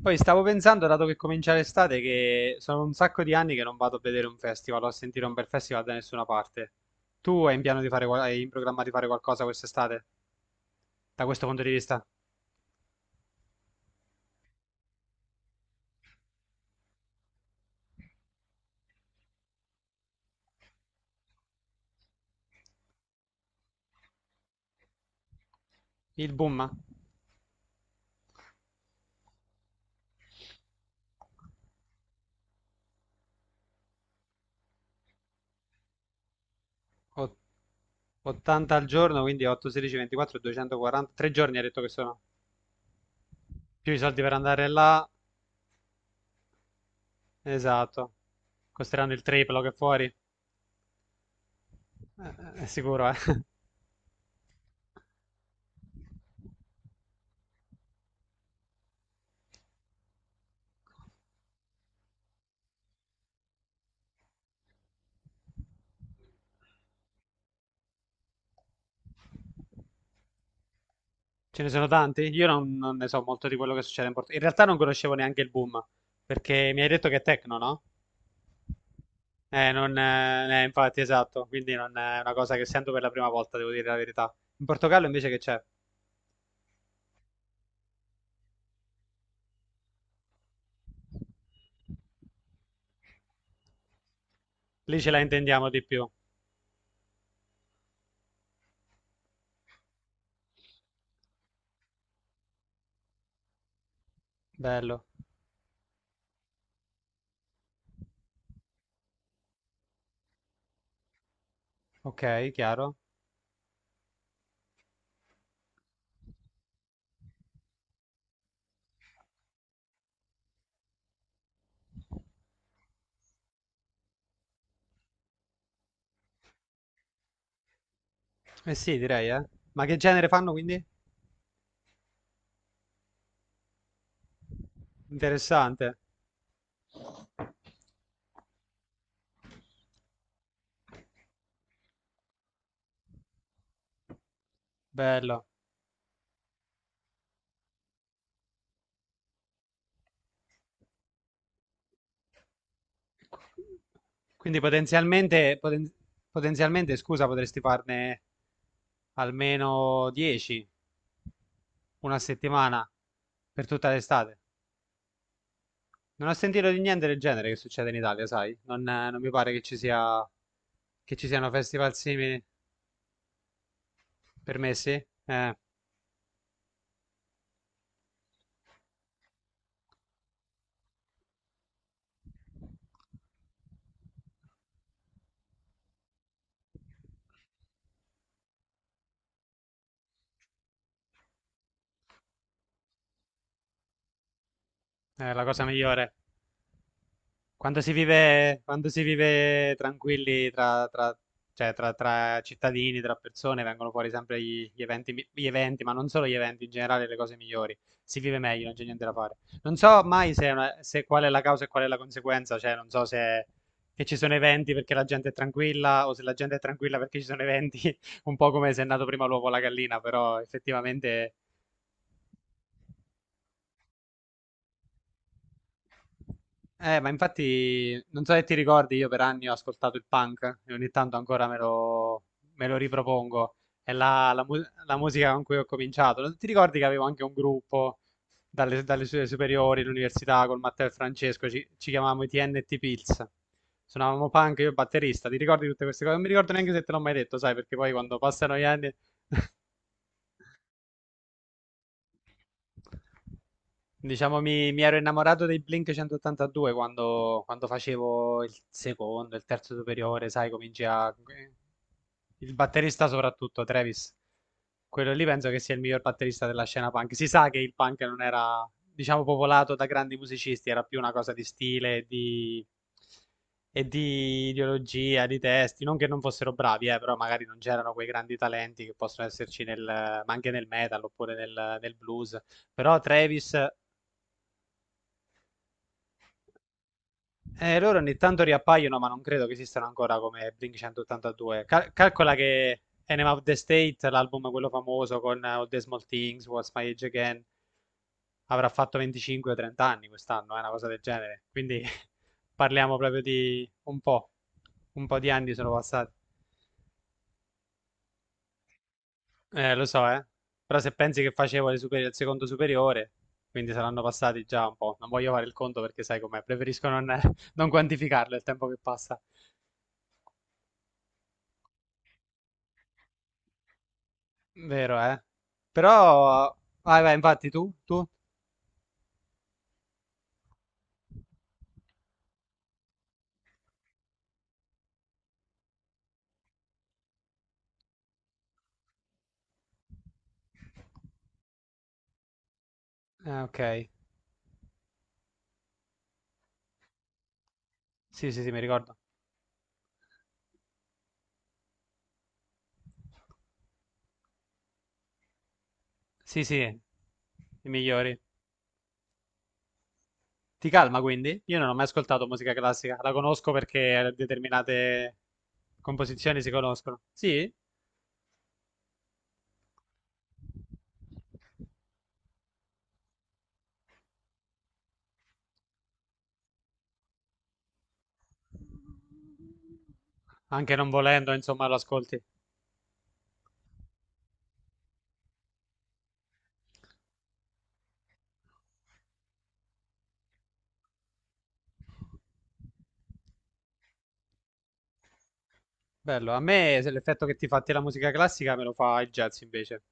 Poi stavo pensando, dato che comincia l'estate, che sono un sacco di anni che non vado a vedere un festival o a sentire un bel festival da nessuna parte. Tu hai in piano di fare, hai in programma di fare qualcosa quest'estate, da questo punto di vista? Il boom? O- 80 al giorno, quindi 8, 16, 24, 240, 3 giorni ha detto che sono. Più i soldi per andare là, esatto. Costeranno il triplo che fuori. È sicuro, eh. Ce ne sono tanti? Io non ne so molto di quello che succede in Portogallo. In realtà non conoscevo neanche il boom, perché mi hai detto che è techno, no? Non, infatti, esatto, quindi non è una cosa che sento per la prima volta, devo dire la verità. In Portogallo invece che c'è? Lì ce la intendiamo di più. Bello. Ok, chiaro. Eh sì, direi, eh. Ma che genere fanno quindi? Interessante. Bello. Quindi potenzialmente, scusa, potresti farne almeno 10. Una settimana per tutta l'estate. Non ho sentito di niente del genere che succede in Italia, sai? Non mi pare che ci siano festival simili permessi. Eh, è la cosa migliore. Quando si vive tranquilli cioè, tra cittadini, tra persone, vengono fuori sempre gli eventi, ma non solo gli eventi, in generale le cose migliori. Si vive meglio, non c'è niente da fare. Non so mai se qual è la causa e qual è la conseguenza, cioè non so se che ci sono eventi perché la gente è tranquilla o se la gente è tranquilla perché ci sono eventi, un po' come se è nato prima l'uovo o la gallina, però effettivamente. Ma infatti, non so se ti ricordi, io per anni ho ascoltato il punk e ogni tanto ancora me lo ripropongo. È la musica con cui ho cominciato. Non ti ricordi che avevo anche un gruppo dalle superiori, all'università, con Matteo e Francesco, ci chiamavamo i TNT Pills. Suonavamo punk, io batterista. Ti ricordi tutte queste cose? Non mi ricordo neanche se te l'ho mai detto, sai, perché poi quando passano gli anni... Diciamo, mi ero innamorato dei Blink 182 quando, facevo il secondo, il terzo superiore, sai, cominci a... Il batterista soprattutto, Travis. Quello lì penso che sia il miglior batterista della scena punk. Si sa che il punk non era, diciamo, popolato da grandi musicisti, era più una cosa di stile, di... e di ideologia, di testi. Non che non fossero bravi, però magari non c'erano quei grandi talenti che possono esserci nel, ma anche nel metal oppure nel, blues. Però Travis. Loro ogni tanto riappaiono, ma non credo che esistano ancora come Blink 182. Calcola che Enema of the State, l'album quello famoso con All the Small Things, What's My Age Again, avrà fatto 25 o 30 anni quest'anno, è una cosa del genere. Quindi parliamo proprio di un po'. Un po' di anni sono passati. Lo so, eh. Però se pensi che facevo il secondo superiore, quindi saranno passati già un po'. Non voglio fare il conto perché sai com'è, preferisco non non quantificarlo il tempo che passa. Vero, eh. Però... Vai, vai, infatti, tu? Tu? Ah, ok. Sì, sì, sì, mi ricordo. Sì, sì, i migliori. Ti calma, quindi? Io non ho mai ascoltato musica classica. La conosco perché determinate composizioni si conoscono. Sì? Anche non volendo, insomma, lo ascolti. Bello. A me se l'effetto che ti fatti la musica classica me lo fa il jazz, invece.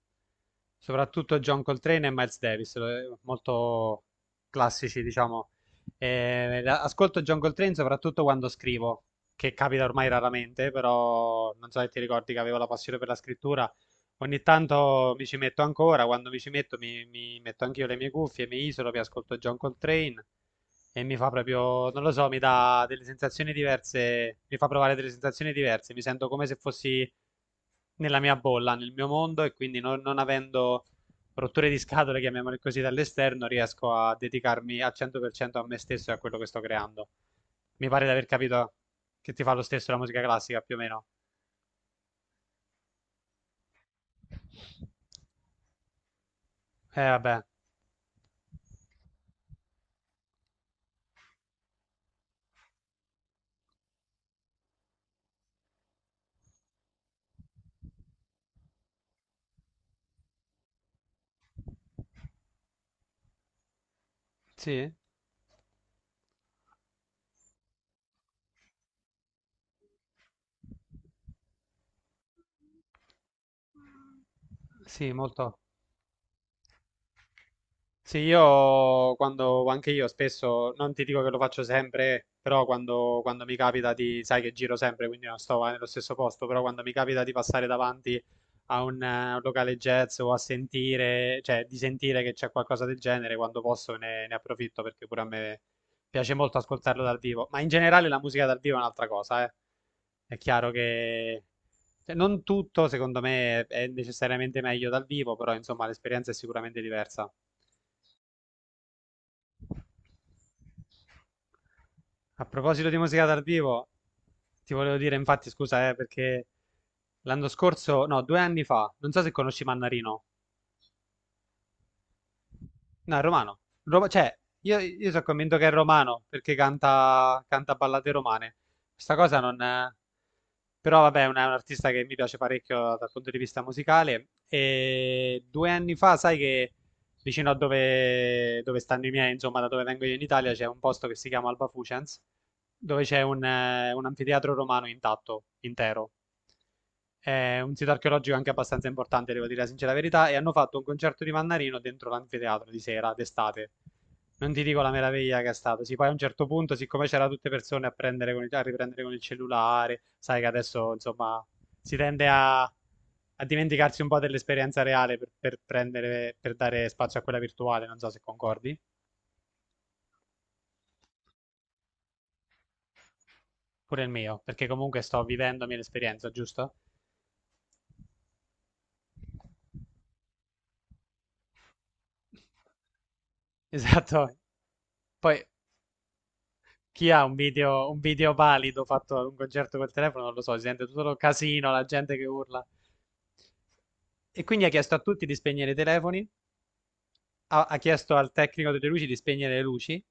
Soprattutto John Coltrane e Miles Davis, molto classici, diciamo. Ascolto John Coltrane soprattutto quando scrivo, che capita ormai raramente, però non so se ti ricordi che avevo la passione per la scrittura. Ogni tanto mi ci metto ancora, quando mi ci metto mi metto anch'io le mie cuffie, mi isolo, mi ascolto John Coltrane e mi fa proprio, non lo so, mi dà delle sensazioni diverse, mi fa provare delle sensazioni diverse, mi sento come se fossi nella mia bolla, nel mio mondo e quindi non avendo rotture di scatole, chiamiamole così, dall'esterno, riesco a dedicarmi al 100% a me stesso e a quello che sto creando. Mi pare di aver capito che ti fa lo stesso la musica classica, più o meno. Vabbè, sì, sì, molto. Sì, io anche io spesso, non ti dico che lo faccio sempre, però quando, mi capita di, sai che giro sempre, quindi non sto mai nello stesso posto, però quando mi capita di passare davanti a un locale jazz o a sentire, cioè di sentire che c'è qualcosa del genere, quando posso ne approfitto perché pure a me piace molto ascoltarlo dal vivo. Ma in generale la musica dal vivo è un'altra cosa, eh. È chiaro che cioè, non tutto, secondo me, è necessariamente meglio dal vivo, però insomma l'esperienza è sicuramente diversa. A proposito di musica dal vivo, ti volevo dire, infatti, scusa, perché l'anno scorso, no, 2 anni fa, non so se conosci Mannarino. No, è romano. Cioè, io sono convinto che è romano perché canta ballate romane. Questa cosa non... però vabbè, è un artista che mi piace parecchio dal punto di vista musicale. E 2 anni fa, sai che vicino a dove stanno i miei, insomma, da dove vengo io in Italia, c'è un posto che si chiama Alba Fucens, dove c'è un anfiteatro romano intatto, intero. È un sito archeologico anche abbastanza importante, devo dire la sincera verità, e hanno fatto un concerto di Mannarino dentro l'anfiteatro di sera, d'estate. Non ti dico la meraviglia che è stato. Sì, poi a un certo punto, siccome c'erano tutte persone a riprendere con il cellulare, sai che adesso, insomma, si tende a dimenticarsi un po' dell'esperienza reale per dare spazio a quella virtuale, non so se concordi, pure il mio, perché comunque sto vivendomi l'esperienza, giusto? Esatto. Poi chi ha un video valido fatto ad un concerto col telefono, non lo so, si sente tutto il casino, la gente che urla. E quindi ha chiesto a tutti di spegnere i telefoni. Ha chiesto al tecnico delle luci di spegnere le luci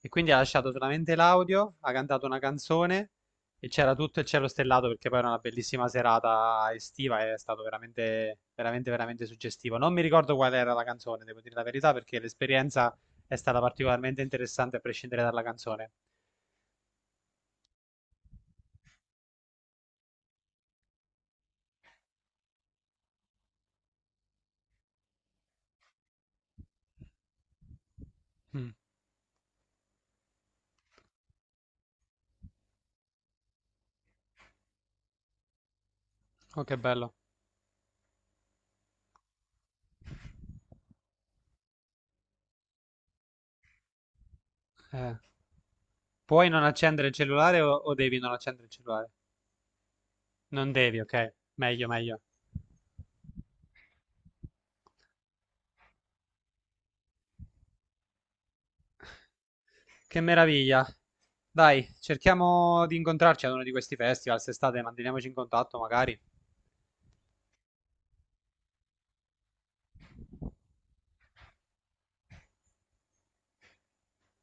e quindi ha lasciato solamente l'audio, ha cantato una canzone e c'era tutto il cielo stellato perché poi era una bellissima serata estiva e è stato veramente, veramente, veramente suggestivo. Non mi ricordo qual era la canzone, devo dire la verità, perché l'esperienza è stata particolarmente interessante a prescindere dalla canzone. Mm. Oh, che bello. Eh, Puoi non accendere il cellulare o devi non accendere il cellulare? Non devi, ok. Meglio, meglio. Che meraviglia. Dai, cerchiamo di incontrarci ad uno di questi festival, se estate, manteniamoci in contatto magari.